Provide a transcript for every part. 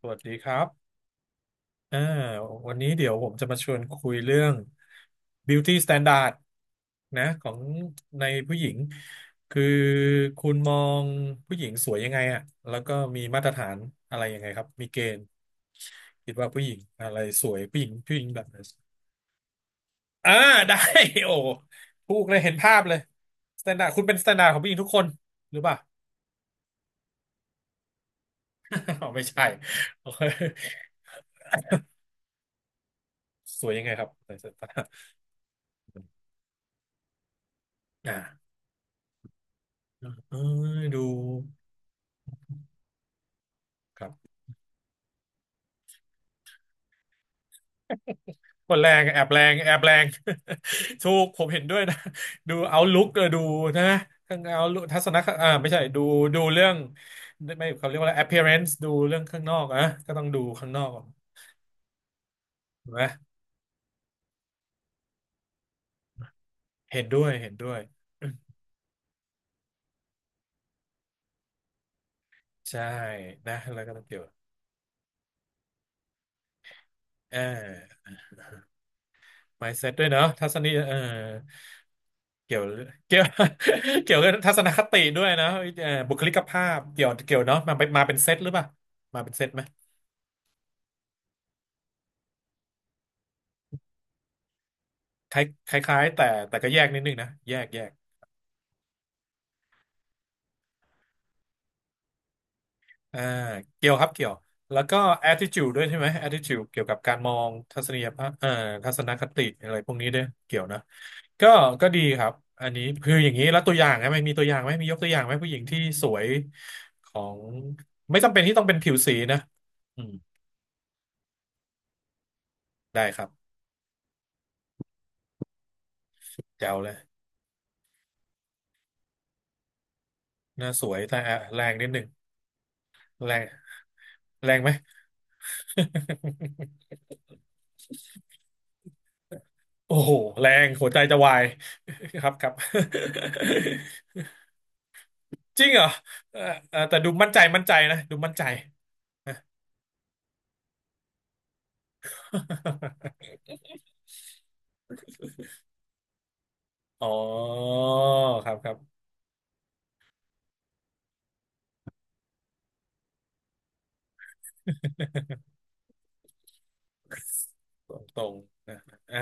สวัสดีครับอ่าวันนี้เดี๋ยวผมจะมาชวนคุยเรื่อง beauty standard นะของในผู้หญิง คือคุณมองผู้หญิงสวยยังไงอะแล้วก็มีมาตรฐานอะไรยังไงครับ มีเกณฑ์คิดว่าผู้หญิงอะไรสวยผู้หญิงแบบไหนอ่า ได้ โอ้พูดเลยเห็นภาพเลยสแตนดาร์ดคุณเป็นสแตนดาร์ดของผู้หญิงทุกคนหรือเปล่า อ๋อไม่ใช่ โอเคสวยยังไงครับในสายตนดาร์ดอ่าเออดู ครับคนแรง แอบแรง แอบแรง ถูกผมเห็นด้วยนะ ดูเอาลุกดูนะข้างเอาทัศนคไม่ใช่ดูเรื่องไม่เขาเรียกว่าอะไร appearance ดูเรื่องข้างนอกอะก็ต้องดูข้างนอกถูกไหมเห็นด้วยเห็นด้วย ใช่นะแล้วก็ต้องเกี่ยวเออ mindset ด้วยเนาะทัศนีเออเกี่ยวเกี่ยว เกี่ยวกับทัศนคติด้วยนะเออบุคลิกภาพ เกี่ยวเกี่ยวเนาะมาเป็นเซตหรือเปล่า มาเป็นเซตไหม คล้ายคล้ายๆแต่แต่ก็แยกนิดนึงนะแยกแยกอ่าเกี่ยวครับเกี่ยวแล้วก็ attitude ด้วยใช่ไหม attitude เกี่ยวกับการมองทัศนียภาพทัศนคติอะไรพวกนี้ด้วยเกี่ยวนะก็ก็ดีครับอันนี้คืออย่างนี้แล้วตัวอย่างนะมันมีตัวอย่างไหมมียกตัวอย่างไหมผู้หญิงที่สวยของไม่จำเป็นที่ต้องเป็นผิวสีนะอืมได้ครับแจ๋วเลยหน้าสวยแต่แรงนิดหนึ่งแรงแรงไหม โอ้โหแรงหัวใจจะวาย ครับครับ จริงเหรอเออเออแต่ดูมั่นใจมั่นใจนะดูมั่นใจ อ๋อครับครับ ตรงๆนะอ่า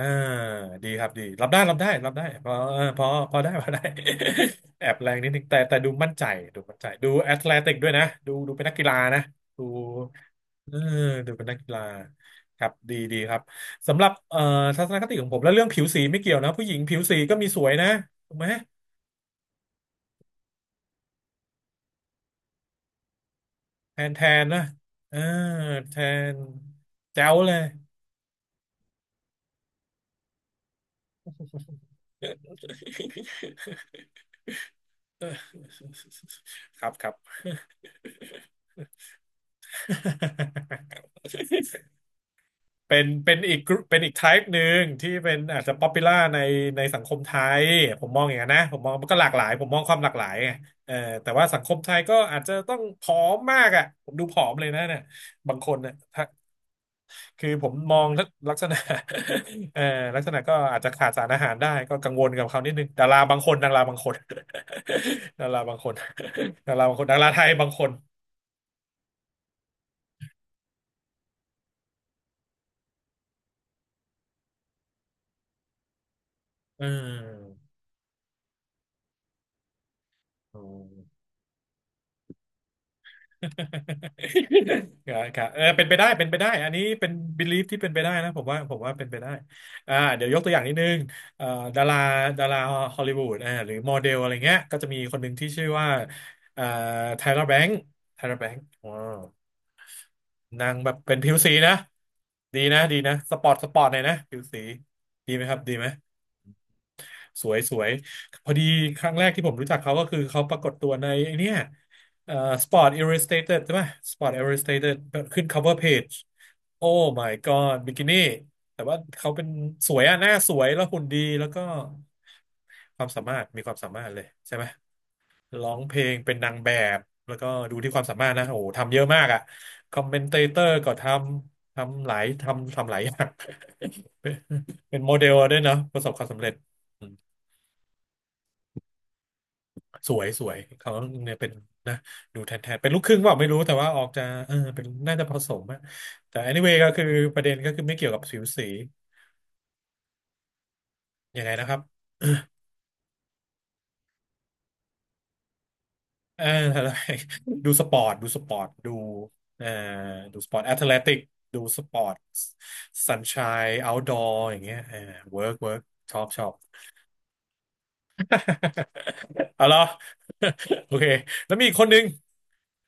ดีครับดีรับได้รับได้รับได้พอเออพอพอได้ พอได้ แอบแรงนิดนึงแต่แต่ดูมั่นใจดูมั่นใจดูแอตเลติกด้วยนะดูเป็นนักกีฬานะดูเออดูเป็นนักกีฬาครับดีดีครับสำหรับทัศนคติของผมแล้วเรื่องผิวสีไม่เกี่ยวนะผู้หญิงผิวสีก็มีสวยนะถูกไหม แทนแทนนะเออแทนแจ๋วเลย ครับครับเป็นเป็นอีกกรุ๊ปเป็นอีก type หนึ่งที่เป็นอาจจะ popular ในในสังคมไทยผมมองอย่างนั้นนะผมมองมันก็หลากหลายผมมองความหลากหลายไงเออแต่ว่าสังคมไทยก็อาจจะต้องผอมมากอ่ะผมดูผอมเลยนะเนี่ยบางคนเนี่ย คือผมมองลักษณะ เอ่อลักษณะก็อาจจะขาดสารอาหารได้ก็กังวลกับเขานิดนึงดาราบางคนดาราบางคน ดาราบางคนดาราบางคนดาราไทยบางคนเอออืม ครับครับเออเป็นไปได้เป็นไปได้อันนี้เป็น belief ที่เป็นไปได้นะผมว่าเป็นไปได้อ่าเดี๋ยวยกตัวอย่างนิดนึงเอ่อดาราดาราฮอลลีวูดอ่าหรือโมเดลอะไรเงี้ยก็จะมีคนหนึ่งที่ชื่อว่าเอ่อไทเลอร์แบงค์ไทเลอร์แบงค์ว้าว นางแบบเป็นผิวสีนะดีนะดีนะสปอร์ตสปอร์ตหน่อยนะผิวสีดีไหมครับดีไหมสวยสวยพอดีครั้งแรกที่ผมรู้จักเขาก็คือเขาปรากฏตัวในไอ้เนี่ยเอ่อ Sport Illustrated ใช่ไหม Sport Illustrated ขึ้น cover page โอ้ my god บิกินี่แต่ว่าเขาเป็นสวยอะหน้าสวยแล้วหุ่นดีแล้วก็ความสามารถมีความสามารถเลยใช่ไหม ร้องเพลงเป็นนางแบบแล้วก็ดูที่ความสามารถนะโอ้โหทำเยอะมากอ่ะคอมเมนเตเตอร์ก็ทำหลายทำหลายอย่าง เป็นเป็นโมเดลด้วยเนาะประสบความสำเร็จอืมสวยสวยเขาเนี่ยเป็นนะดูแทนแทนเป็นลูกครึ่งเปล่าไม่รู้แต่ว่าออกจะเออเป็นน่าจะผสมอะแต่ anyway ก็คือประเด็นก็คือไม่เกี่ยวกับผิวสียังไงนะครับ เออ อะไร ดูสปอร์ตดูสปอร์ตดูเอ่อดูสปอร์ตแอตเลติกดูสปอร์ตสันชายเอาท์ดอร์อย่างเงี้ยเออเวิร์กเวิร์กชอบชอบ เอาล่ะ โอเคแล้วมีอีกคนหนึ่ง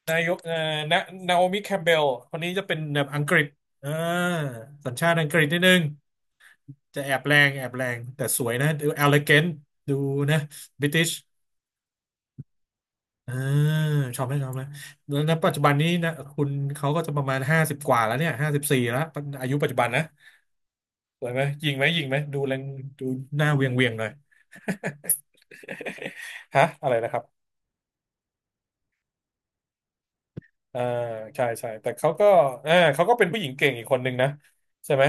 นายกนานาโอมิแคมเบลคนนี้จะเป็นแบบอังกฤษอ่าสัญชาติอังกฤษนิดนึงจะแอบแรงแอบแรงแต่สวยนะดู elegantดูนะบิติช อ่าชอบไหมชอบไหมแล้วณปัจจุบันนี้นะคุณเขาก็จะประมาณ50 กว่าแล้วเนี่ย54แล้วอายุปัจจุบันนะสวยไหมยิงไหมยิงไหมดูแรงดูหน้าเวียงเวียงหน่อย ฮะอะไรนะครับอ่าใช่ใช่แต่เขาก็เขาก็เป็นผู้หญิงเก่งอีกคนหนึ่งนะใช่ไหม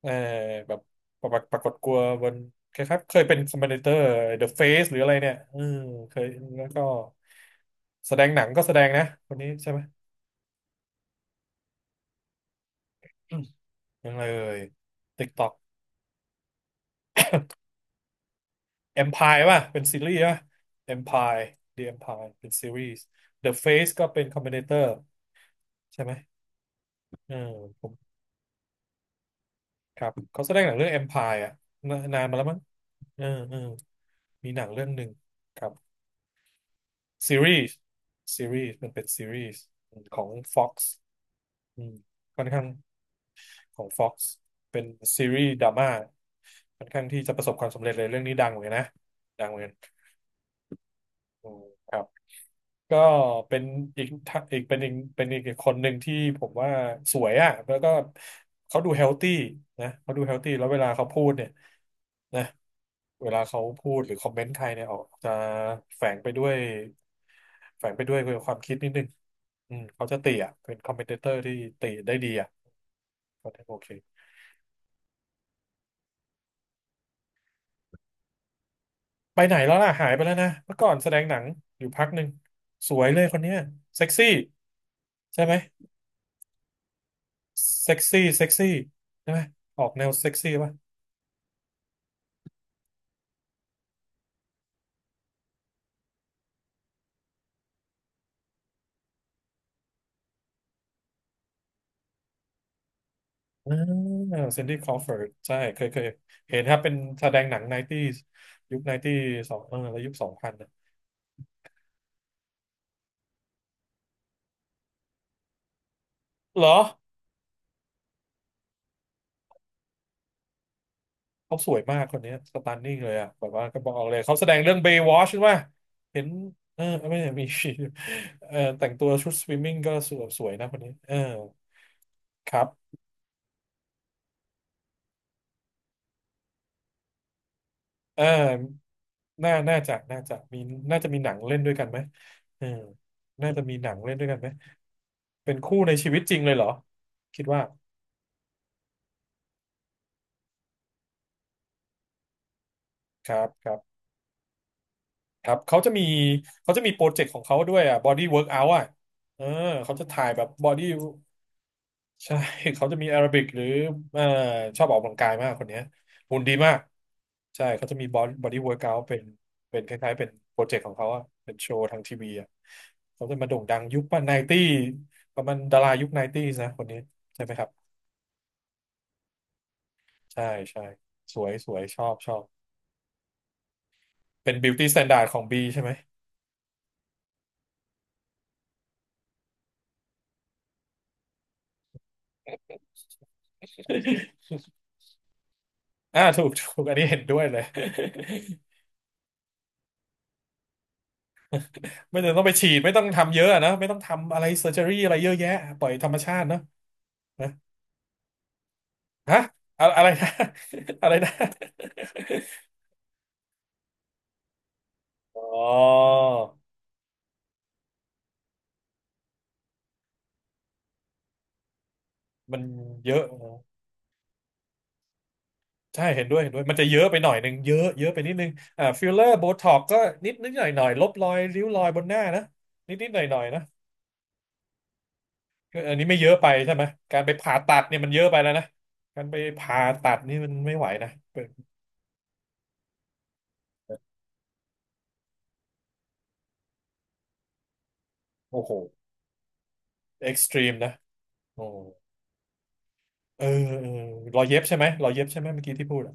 เออแบบปรากฏกลัวบนคล้ายๆเคยเป็นคอมเมนเตอร์ The Face หรืออะไรเนี่ยอืมเคยแล้วก็แสดงหนังก็แสดงนะคนนี้ใช่ไหมอืมยังไงเอ่ย TikTok Empire ป่ะเป็นซีรีส์ป่ะ Empire The Empire เป็นซีรีส์ The Face ก็เป็นคอมบิเนเตอร์ใช่ไหมเออผมครับเขาแสดงหนังเรื่อง Empire อ่ะนานานมาแล้วมั้งเออเออมีหนังเรื่องหนึ่งครับซีรีส์มันเป็นซีรีส์ของ Fox อืมค่อนข้างของ Fox เป็นซีรีส์ดราม่าค่อนข้างที่จะประสบความสำเร็จเลยเรื่องนี้ดังเหมือนกันนะดังเหมือนกันอืมครับ ก็เป็นอีกท่าอีกเป็นอีกคนหนึ่งที่ผมว่าสวยอ่ะแล้วก็เขาดูเฮลตี้นะเขาดูเฮลตี้แล้วเวลาเขาพูดเนี่ยนะเวลาเขาพูดหรือคอมเมนต์ใครเนี่ยออกจะแฝงไปด้วยแฝงไปด้วยความคิดนิดนึงอืมเขาจะตีอ่ะเป็นคอมเมนเตอร์ที่ตีได้ดีอ่ะก็ได้โอเคไปไหนแล้วล่ะหายไปแล้วนะเมื่อก่อนแสดงหนังอยู่พักหนึ่งสวยเลยคนเนี้ยเซ็กซี่ใช่ไหม เซ็กซี่เซ็กซี่ใช่ไหมออกแนวเซ็กซี่ป่ะอ่าซินดี้คลอเฟิร์ดใช่เคยเห็นครับเป็นแสดงหนังไนตี้ยุคไนตี้สองเออแล้วยุคสองพันนะเหรอเขาสวยมากคนนี้สตันนิ่งเลยอ่ะแบบว่าก็บอกเลยเขาแสดงเรื่องเบย์วอชใช่ไหมเห็นเออไม่ใช่มี เออแต่งตัวชุดสวิมมิ่งก็สวยสวยนะคนนี้เออครับเออน่าน่าจะมีน่าจะมีหนังเล่นด้วยกันไหมเออน่าจะมีหนังเล่นด้วยกันไหม เป็นคู่ในชีวิตจริงเลยเหรอคิดว่าครับครับเขาจะมีเขาจะมีโปรเจกต์ของเขาด้วยอ่ะ body workout อ่ะเออเขาจะถ่ายแบบ body ใช่ เขาจะมีแอโรบิกหรือเอ่อชอบออกกำลังกายมากคนเนี้ยหุ่นดีมากใช่เขาจะมี body workout เป็นเป็นคล้ายๆเป็นโปรเจกต์ของเขาอ่ะเป็นโชว์ทางทีวีอ่ะเขาจะมาโด่งดังยุคป่ะไนตี้ประมาณดารายุคไนตี้นะคนนี้ใช่ไหมครับใช่ใช่สวยสวยชอบชอบเป็น beauty standard ของบีใช่ไหม อ่าถูกถูกอันนี้เห็นด้วยเลย ไม่จำเป็นต้องไปฉีดไม่ต้องทำเยอะอะนะไม่ต้องทำอะไรเซอร์เจอรี่อะไรเยอะแยะปล่อยธรรมชาติเนอะนะฮะอะอะไรนะ อะไรนะ อ๋อมันเยอะอ๋อใช่เห็นด้วยเห็นด้วยมันจะเยอะไปหน่อยนึงเยอะเยอะไปนิดนึงอ่าฟิลเลอร์โบท็อกก็นิดนิดหน่อยหน่อยลบรอยริ้วรอยบนหน้านะนิดนิดหน่อยหน่อยนะก็อันนี้ไม่เยอะไปใช่ไหมการไปผ่าตัดเนี่ยมันเยอะไปแล้วนะการไปผ่าตัดนี่มันไม่ไหวนะเป็นโอ้โหเอ็กซ์ตรีมนะ โอ้เออเออรอยเย็บใช่ไหมรอยเย็บใช่ไหมเมื่อกี้ที่พูดอะ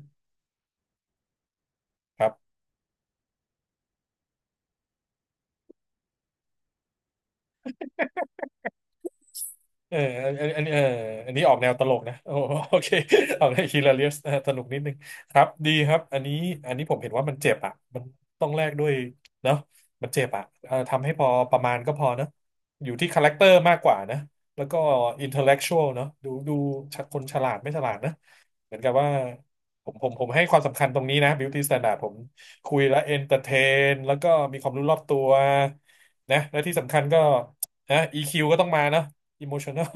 ครับเอออันอันเอออันนี้ออกแนวตลกนะโอ้ โอเคออกแนวฮิลาเลียสสนุกนิดนึงครับดีครับอันนี้อันนี้ผมเห็นว่ามันเจ็บอ่ะมันต้องแลกด้วยเนาะมันเจ็บอ่ะเออทำให้พอประมาณก็พอเนาะอยู่ที่คาแรคเตอร์มากกว่านะ แล้วก็อินเทลเล็กชวลเนาะดูดูคนฉลาดไม่ฉลาดนะ เหมือนกับว่าผมให้ความสำคัญตรงนี้นะ beauty standard ผมคุยและเอนเตอร์เทนแล้วก็มีความรู้รอบตัวนะและที่สำคัญก็นะ EQ ก็ต้องมาเนาะ emotional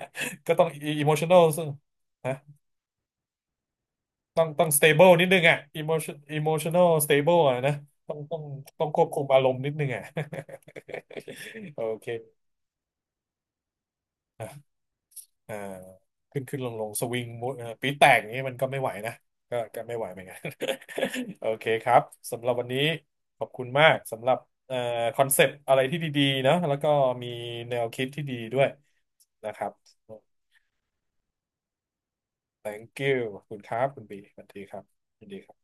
ก็ต้อง emotional ซึ่งนะต้อง stable นิดนึงอ่ะ emotional stable อะนะต้องต้องต้องควบคุมอารมณ์นิดนึงอ่ะ โอเค เอ่อขึ้นลงสวิงมุดปีดแตกอย่างนี้มันก็ไม่ไหวนะก็ไม่ไหวเหมือนกัน โอเคครับสำหรับวันนี้ขอบคุณมากสำหรับเอ่อคอนเซปต์อะไรที่ดีๆนะแล้วก็มีแนวคิดที่ดีด้วยนะครับ thank you ขอบคุณครับคุณบีสวัสดีครับยินดีครับ